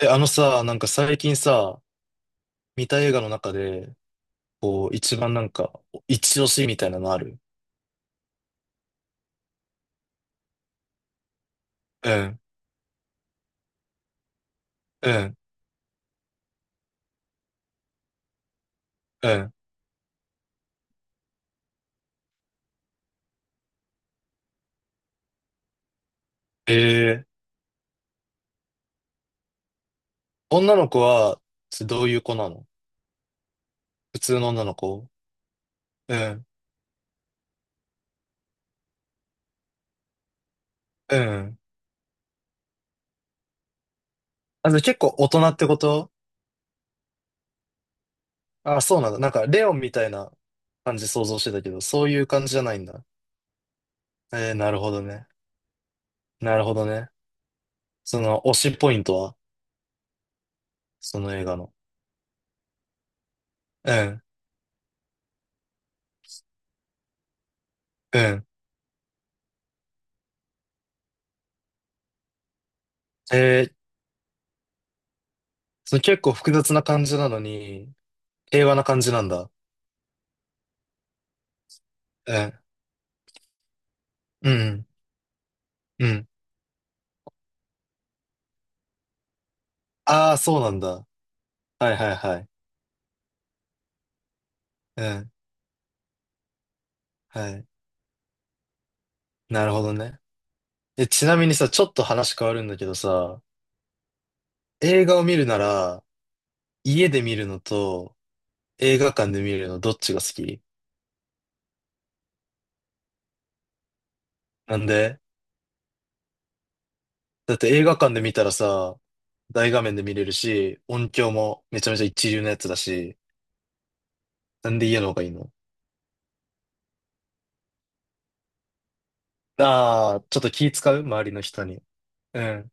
え、あのさ、なんか最近さ、見た映画の中で、こう、一番なんか、一押しみたいなのある？うん、うん、うん。ええ、女の子は、ちどういう子なの？普通の女の子？うん、うん。あ、じゃあ結構大人ってこと？あ、そうなんだ。なんか、レオンみたいな感じ想像してたけど、そういう感じじゃないんだ。えー、なるほどね。なるほどね。その、推しポイントは？その映画の。うん、うん。えー、その結構複雑な感じなのに、平和な感じなんだ。うん。うん。うん。ああ、そうなんだ。はいはいはい。うん。はい。なるほどね。え、ちなみにさ、ちょっと話変わるんだけどさ、映画を見るなら、家で見るのと映画館で見るのどっちが好き？なんで？だって映画館で見たらさ、大画面で見れるし、音響もめちゃめちゃ一流のやつだし、なんで家の方がいいの？ああー、ちょっと気使う周りの人に。うん。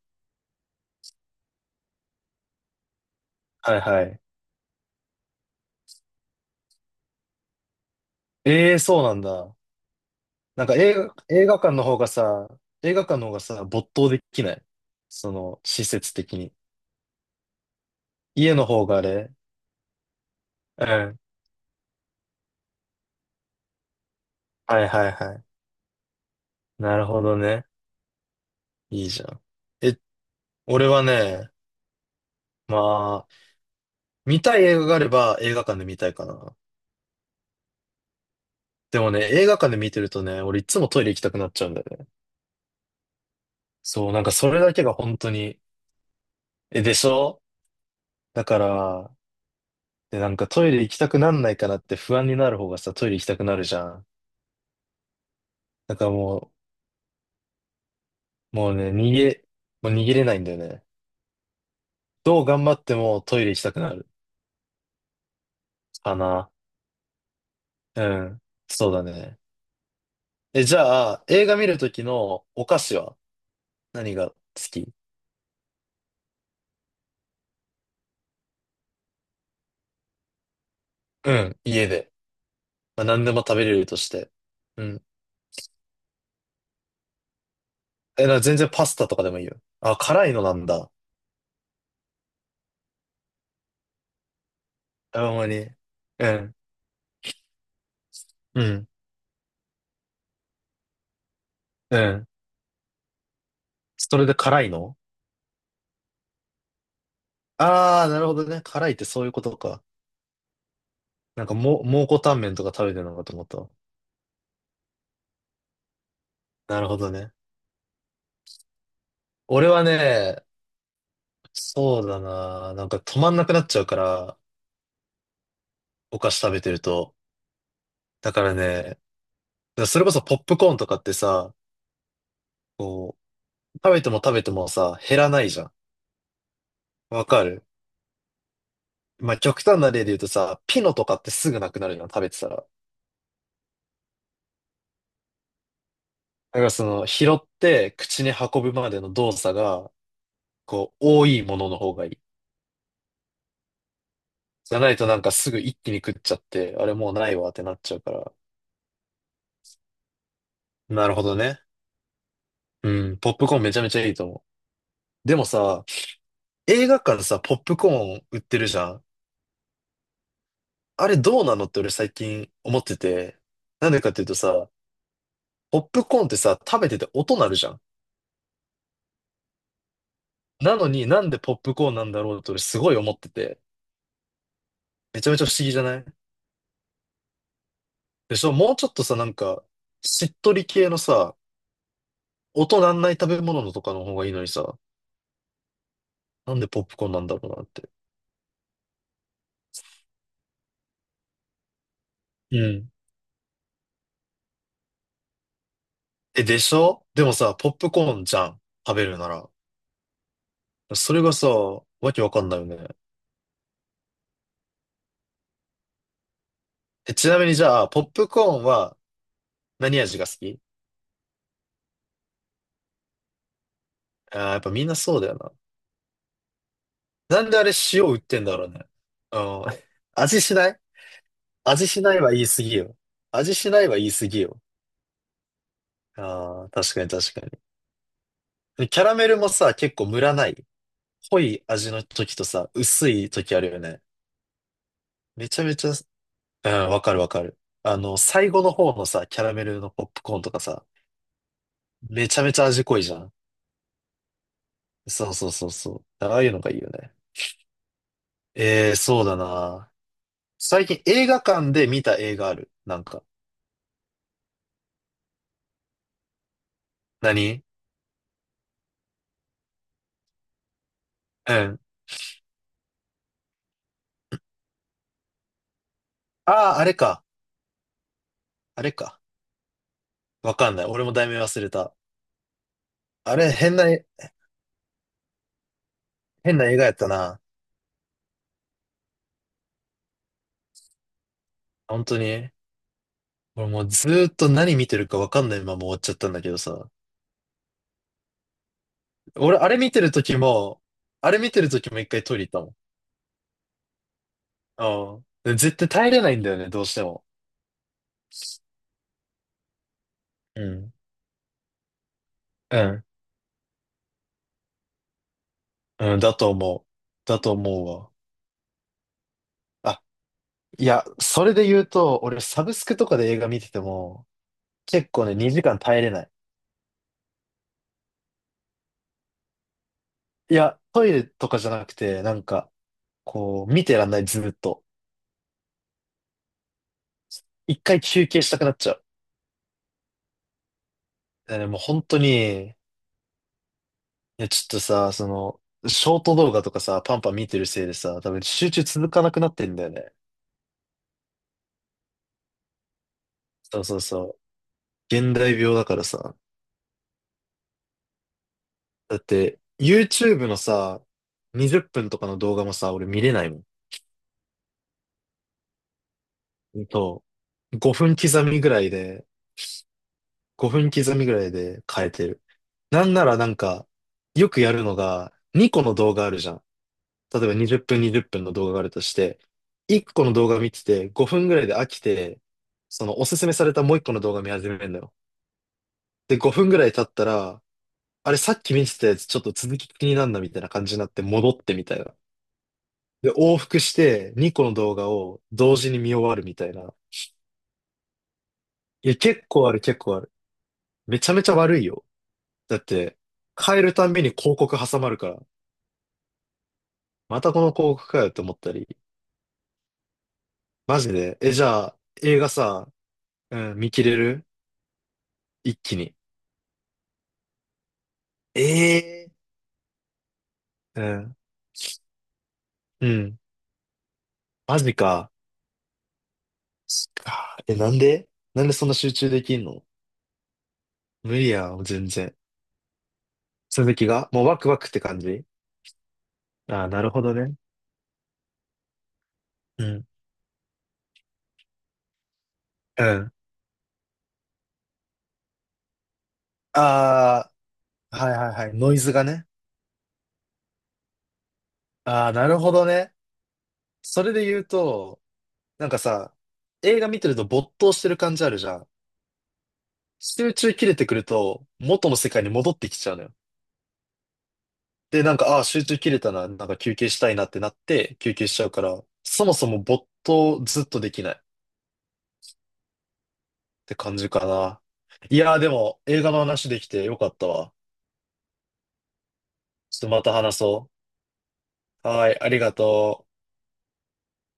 はいはい。ええー、そうなんだ。なんか映画館の方がさ、映画館の方がさ、没頭できない。その、施設的に。家の方があれ？うん。はいはいはい。なるほどね。いいじゃん。え、俺はね、まあ、見たい映画があれば映画館で見たいかな。でもね、映画館で見てるとね、俺いつもトイレ行きたくなっちゃうんだよね。そう、なんかそれだけが本当に、え、でしょ？だから、で、なんかトイレ行きたくなんないかなって不安になる方がさ、トイレ行きたくなるじゃん。だからもう、もうね、もう逃げれないんだよね。どう頑張ってもトイレ行きたくなる。かな。うん。そうだね。え、じゃあ、映画見るときのお菓子は何が好き？うん。家で。まあ、何でも食べれるとして。うん。全然パスタとかでもいいよ。あ、辛いのなんだ。あ、ほんまに。うん。うん。うん。それで辛いの？ああー、なるほどね。辛いってそういうことか。なんかもう、蒙古タンメンとか食べてるのかと思ったわ。なるほどね。俺はね、そうだな。なんか止まんなくなっちゃうから、お菓子食べてると。だからね、それこそポップコーンとかってさ、こう、食べても食べてもさ、減らないじゃん。わかる？まあ、極端な例で言うとさ、ピノとかってすぐなくなるの、食べてたら。だからその、拾って口に運ぶまでの動作が、こう、多いものの方がいい。じゃないとなんかすぐ一気に食っちゃって、あれもうないわってなっちゃうから。なるほどね。うん、ポップコーンめちゃめちゃいいと思う。でもさ、映画館さ、ポップコーン売ってるじゃん。あれどうなのって俺最近思ってて。なんでかっていうとさ、ポップコーンってさ、食べてて音鳴るじゃん。なのになんでポップコーンなんだろうって俺すごい思ってて。めちゃめちゃ不思議じゃない？でしょ？もうちょっとさ、なんか、しっとり系のさ、音なんない食べ物のとかの方がいいのにさ、なんでポップコーンなんだろうなって。うん。え、でしょ？でもさ、ポップコーンじゃん。食べるなら。それがさ、わけわかんないよね。え、ちなみにじゃあ、ポップコーンは、何味が好き？ああー、やっぱみんなそうだよな。なんであれ塩売ってんだろうね。うん。味しない？味しないは言い過ぎよ。味しないは言い過ぎよ。ああ、確かに確かに。でキャラメルもさ、結構ムラない？濃い味の時とさ、薄い時あるよね。めちゃめちゃ、うん、わかるわかる。あの、最後の方のさ、キャラメルのポップコーンとかさ、めちゃめちゃ味濃いじゃん。そうそうそうそう。ああいうのがいいよね。ええー、そうだな。最近映画館で見た映画ある？なんか。何？うん。ああ、あれか。あれか。わかんない。俺も題名忘れた。あれ、変な、変な映画やったな。本当に。俺もうずーっと何見てるかわかんないまま終わっちゃったんだけどさ。俺、あれ見てる時も一回トイレ行ったもん。うん。で絶対耐えれないんだよね、どうしても。うん。うん。うん、だと思う。だと思うわ。あ、いや、それで言うと、俺サブスクとかで映画見てても、結構ね、2時間耐えれない。いや、トイレとかじゃなくて、なんか、こう、見てらんない、ずっと。一回休憩したくなっちゃう。だからねもう本当に、いや、ちょっとさ、その、ショート動画とかさ、パンパン見てるせいでさ、多分集中続かなくなってんだよね。そうそうそう。現代病だからさ。だって、YouTube のさ、20分とかの動画もさ、俺見れないもん。そう。5分刻みぐらいで変えてる。なんならなんか、よくやるのが、2個の動画あるじゃん。例えば20分20分の動画があるとして、1個の動画見てて5分ぐらいで飽きて、そのおすすめされたもう1個の動画見始めるのよ。で、5分ぐらい経ったら、あれさっき見てたやつちょっと続き気になんなみたいな感じになって戻ってみたいな。で、往復して2個の動画を同時に見終わるみたいな。いや、結構ある結構ある。めちゃめちゃ悪いよ。だって、変えるたんびに広告挟まるから、またこの広告かよって思ったり。マジで。え、じゃあ、映画さ、うん、見切れる？一気に。ええ、うん。うん。マジか。そっか。え、なんでそんな集中できんの？無理やん、全然。続きがもうワクワクって感じ？ああー、なるほどね。うん。うん。ああ、はいはいはい。ノイズがね。ああ、なるほどね。それで言うと、なんかさ、映画見てると没頭してる感じあるじゃん。集中切れてくると、元の世界に戻ってきちゃうのよ。で、なんか、ああ、集中切れたな、なんか休憩したいなってなって、休憩しちゃうから、そもそも没頭ずっとできないって感じかな。いやー、でも、映画の話できてよかったわ。ちょっとまた話そう。はーい、ありがとう。